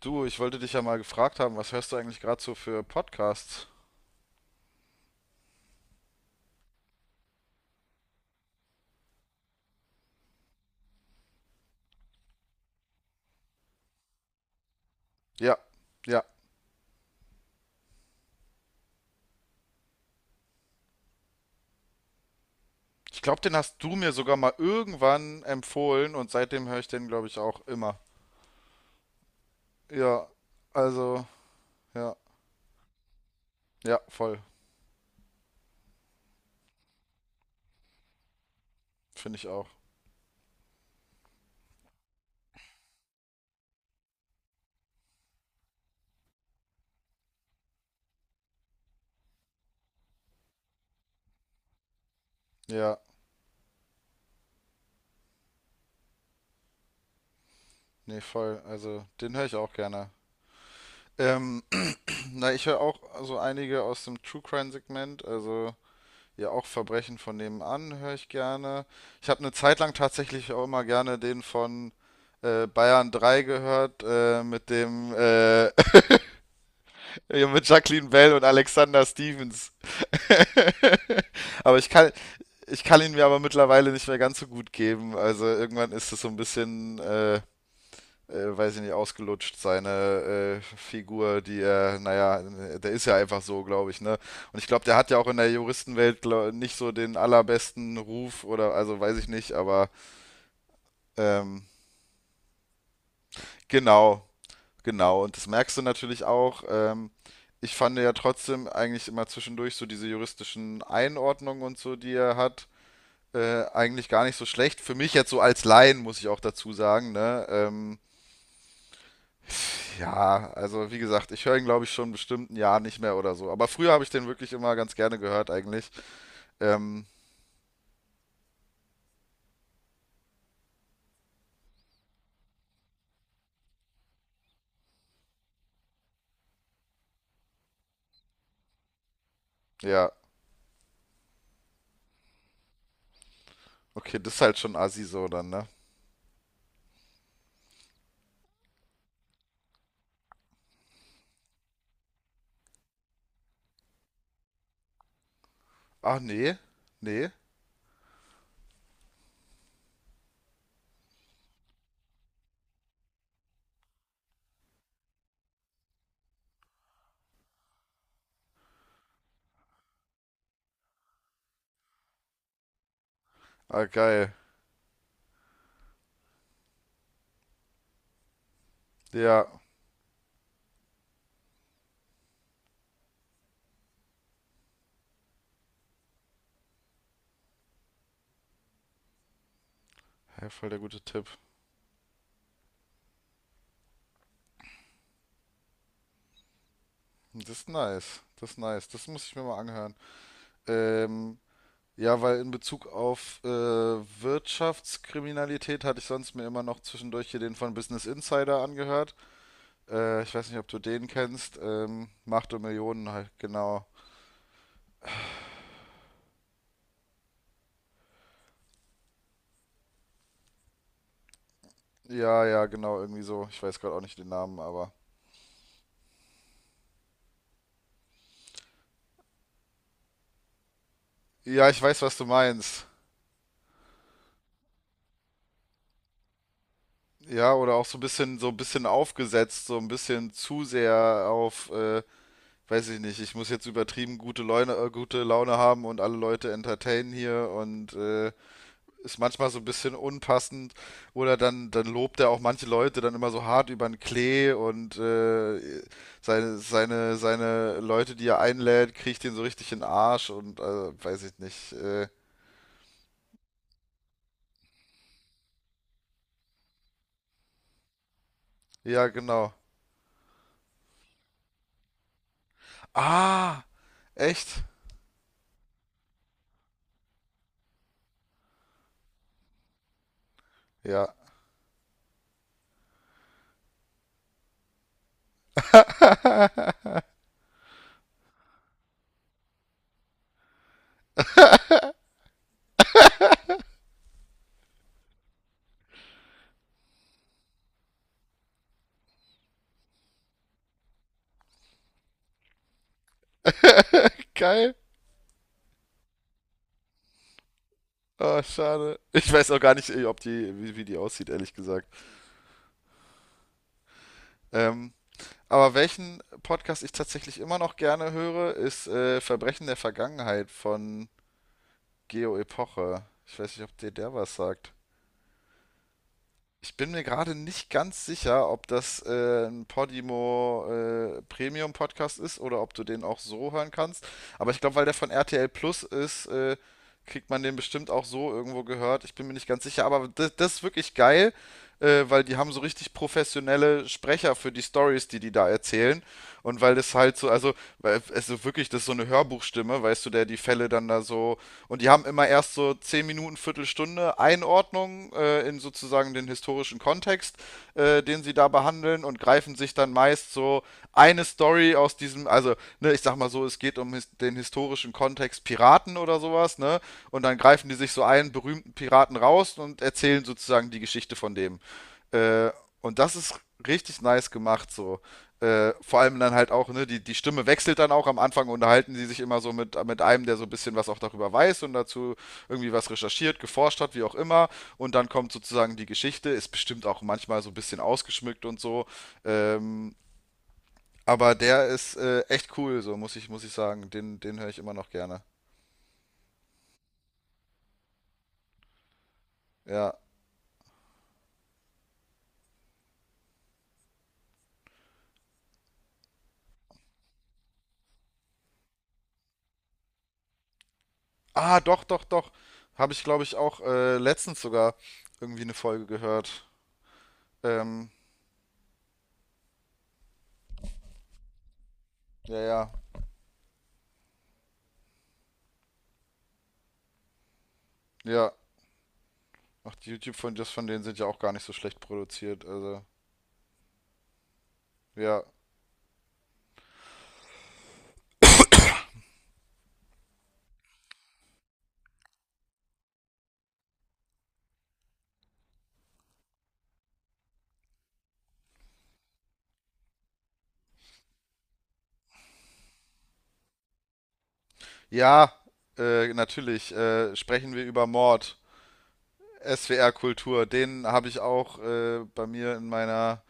Du, ich wollte dich ja mal gefragt haben, was hörst du eigentlich gerade so für Podcasts? Ja, ja. Ich glaube, den hast du mir sogar mal irgendwann empfohlen und seitdem höre ich den, glaube ich, auch immer. Ja, also, ja, ja, voll. Finde ich auch. Ja, nee, voll. Also, den höre ich auch gerne. Ähm, na, ich höre auch so einige aus dem True Crime Segment, also ja, auch Verbrechen von nebenan höre ich gerne. Ich habe eine Zeit lang tatsächlich auch immer gerne den von Bayern 3 gehört, mit dem, ja, mit Jacqueline Bell und Alexander Stevens. Aber ich kann ihn mir aber mittlerweile nicht mehr ganz so gut geben. Also irgendwann ist es so ein bisschen, weiß ich nicht, ausgelutscht, seine Figur, die er, naja, der ist ja einfach so, glaube ich, ne? Und ich glaube, der hat ja auch in der Juristenwelt glaub, nicht so den allerbesten Ruf oder, also weiß ich nicht, aber ähm, genau, genau. Und das merkst du natürlich auch. Ich fand ja trotzdem eigentlich immer zwischendurch so diese juristischen Einordnungen und so, die er hat, eigentlich gar nicht so schlecht. Für mich jetzt so als Laien, muss ich auch dazu sagen, ne? Ja, also wie gesagt, ich höre ihn, glaube ich, schon bestimmt ein Jahr nicht mehr oder so. Aber früher habe ich den wirklich immer ganz gerne gehört, eigentlich. Ähm, ja, okay, das ist halt schon assi so dann, ne? Ach, nee, nee. Ah, geil. Ja, ja, voll der gute Tipp. Das ist nice, das ist nice. Das muss ich mir mal anhören. Ähm, ja, weil in Bezug auf Wirtschaftskriminalität hatte ich sonst mir immer noch zwischendurch hier den von Business Insider angehört. Ich weiß nicht, ob du den kennst. Macht und Millionen halt, genau. Ja, ja, genau, irgendwie so. Ich weiß gerade auch nicht den Namen, aber. Ja, ich weiß, was du meinst. Ja, oder auch so ein bisschen aufgesetzt, so ein bisschen zu sehr auf, weiß ich nicht, ich muss jetzt übertrieben gute Laune haben und alle Leute entertainen hier und ist manchmal so ein bisschen unpassend. Oder dann lobt er auch manche Leute dann immer so hart über den Klee und seine Leute, die er einlädt, kriegt ihn so richtig in den Arsch und weiß ich nicht. Ja, genau. Ah, echt? Ja. Geil. Oh, schade. Ich weiß auch gar nicht, ob die, wie, wie die aussieht, ehrlich gesagt. Ähm, aber welchen Podcast ich tatsächlich immer noch gerne höre, ist Verbrechen der Vergangenheit von Geo Epoche. Ich weiß nicht, ob dir der was sagt. Ich bin mir gerade nicht ganz sicher, ob das ein Podimo Premium Podcast ist oder ob du den auch so hören kannst. Aber ich glaube, weil der von RTL Plus ist, kriegt man den bestimmt auch so irgendwo gehört. Ich bin mir nicht ganz sicher, aber das, das ist wirklich geil, weil die haben so richtig professionelle Sprecher für die Stories, die die da erzählen. Und weil das halt so, also weil es so wirklich, das ist so eine Hörbuchstimme, weißt du, der die Fälle dann da so. Und die haben immer erst so 10 Minuten, Viertelstunde Einordnung in sozusagen den historischen Kontext, den sie da behandeln und greifen sich dann meist so eine Story aus diesem, also, ne, ich sag mal so, es geht um his den historischen Kontext Piraten oder sowas, ne? Und dann greifen die sich so einen berühmten Piraten raus und erzählen sozusagen die Geschichte von dem. Äh, und das ist richtig nice gemacht so vor allem dann halt auch, ne, die, die Stimme wechselt dann auch. Am Anfang unterhalten sie sich immer so mit einem, der so ein bisschen was auch darüber weiß und dazu irgendwie was recherchiert, geforscht hat, wie auch immer. Und dann kommt sozusagen die Geschichte, ist bestimmt auch manchmal so ein bisschen ausgeschmückt und so. Ähm, aber der ist echt cool, so muss ich sagen. Den höre ich immer noch gerne. Ja. Ah, doch, doch, doch. Habe ich, glaube ich, auch letztens sogar irgendwie eine Folge gehört. Ähm, ja, ja. Ja, ach, die YouTube von denen sind ja auch gar nicht so schlecht produziert. Also, ja. Ja, natürlich. Sprechen wir über Mord. SWR Kultur. Den habe ich auch bei mir in meiner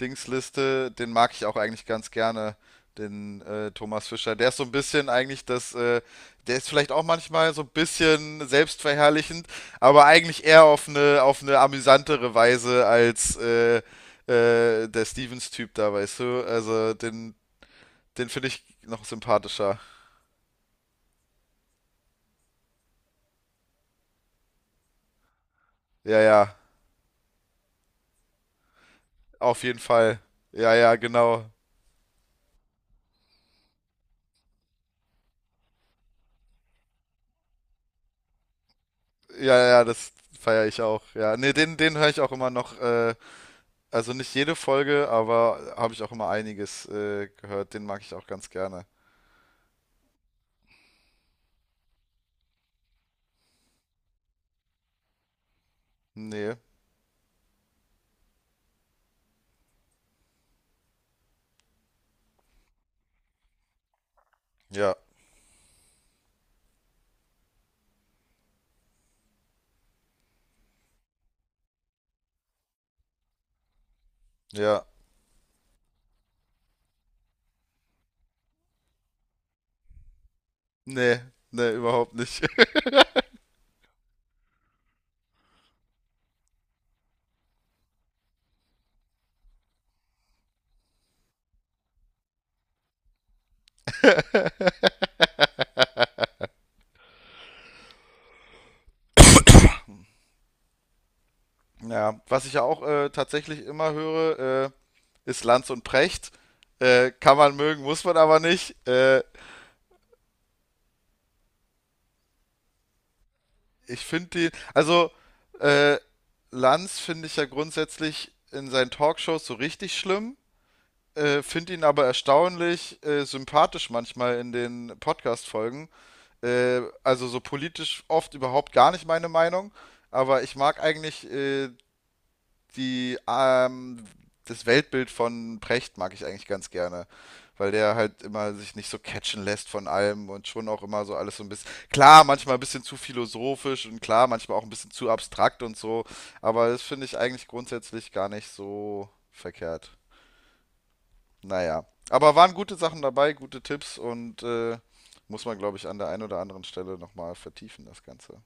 Dingsliste. Den mag ich auch eigentlich ganz gerne. Den Thomas Fischer. Der ist so ein bisschen eigentlich das, der ist vielleicht auch manchmal so ein bisschen selbstverherrlichend, aber eigentlich eher auf eine amüsantere Weise als der Stevens-Typ da, weißt du? Also den, den finde ich noch sympathischer. Ja, ja, auf jeden Fall. Ja, ja, genau. Ja, ja, das feiere ich auch. Ja, nee, den, den höre ich auch immer noch. Also nicht jede Folge, aber habe ich auch immer einiges gehört. Den mag ich auch ganz gerne. Nee, ja, ja, nee, nee, überhaupt nicht. Ja, was ich ja auch tatsächlich immer höre, ist Lanz und Precht. Kann man mögen, muss man aber nicht. Ich finde die, also äh, Lanz finde ich ja grundsätzlich in seinen Talkshows so richtig schlimm, finde ihn aber erstaunlich sympathisch manchmal in den Podcast-Folgen. Also so politisch oft überhaupt gar nicht meine Meinung, aber ich mag eigentlich die, das Weltbild von Precht mag ich eigentlich ganz gerne, weil der halt immer sich nicht so catchen lässt von allem und schon auch immer so alles so ein bisschen, klar, manchmal ein bisschen zu philosophisch und klar, manchmal auch ein bisschen zu abstrakt und so, aber das finde ich eigentlich grundsätzlich gar nicht so verkehrt. Naja, aber waren gute Sachen dabei, gute Tipps und muss man, glaube ich, an der einen oder anderen Stelle nochmal vertiefen, das Ganze.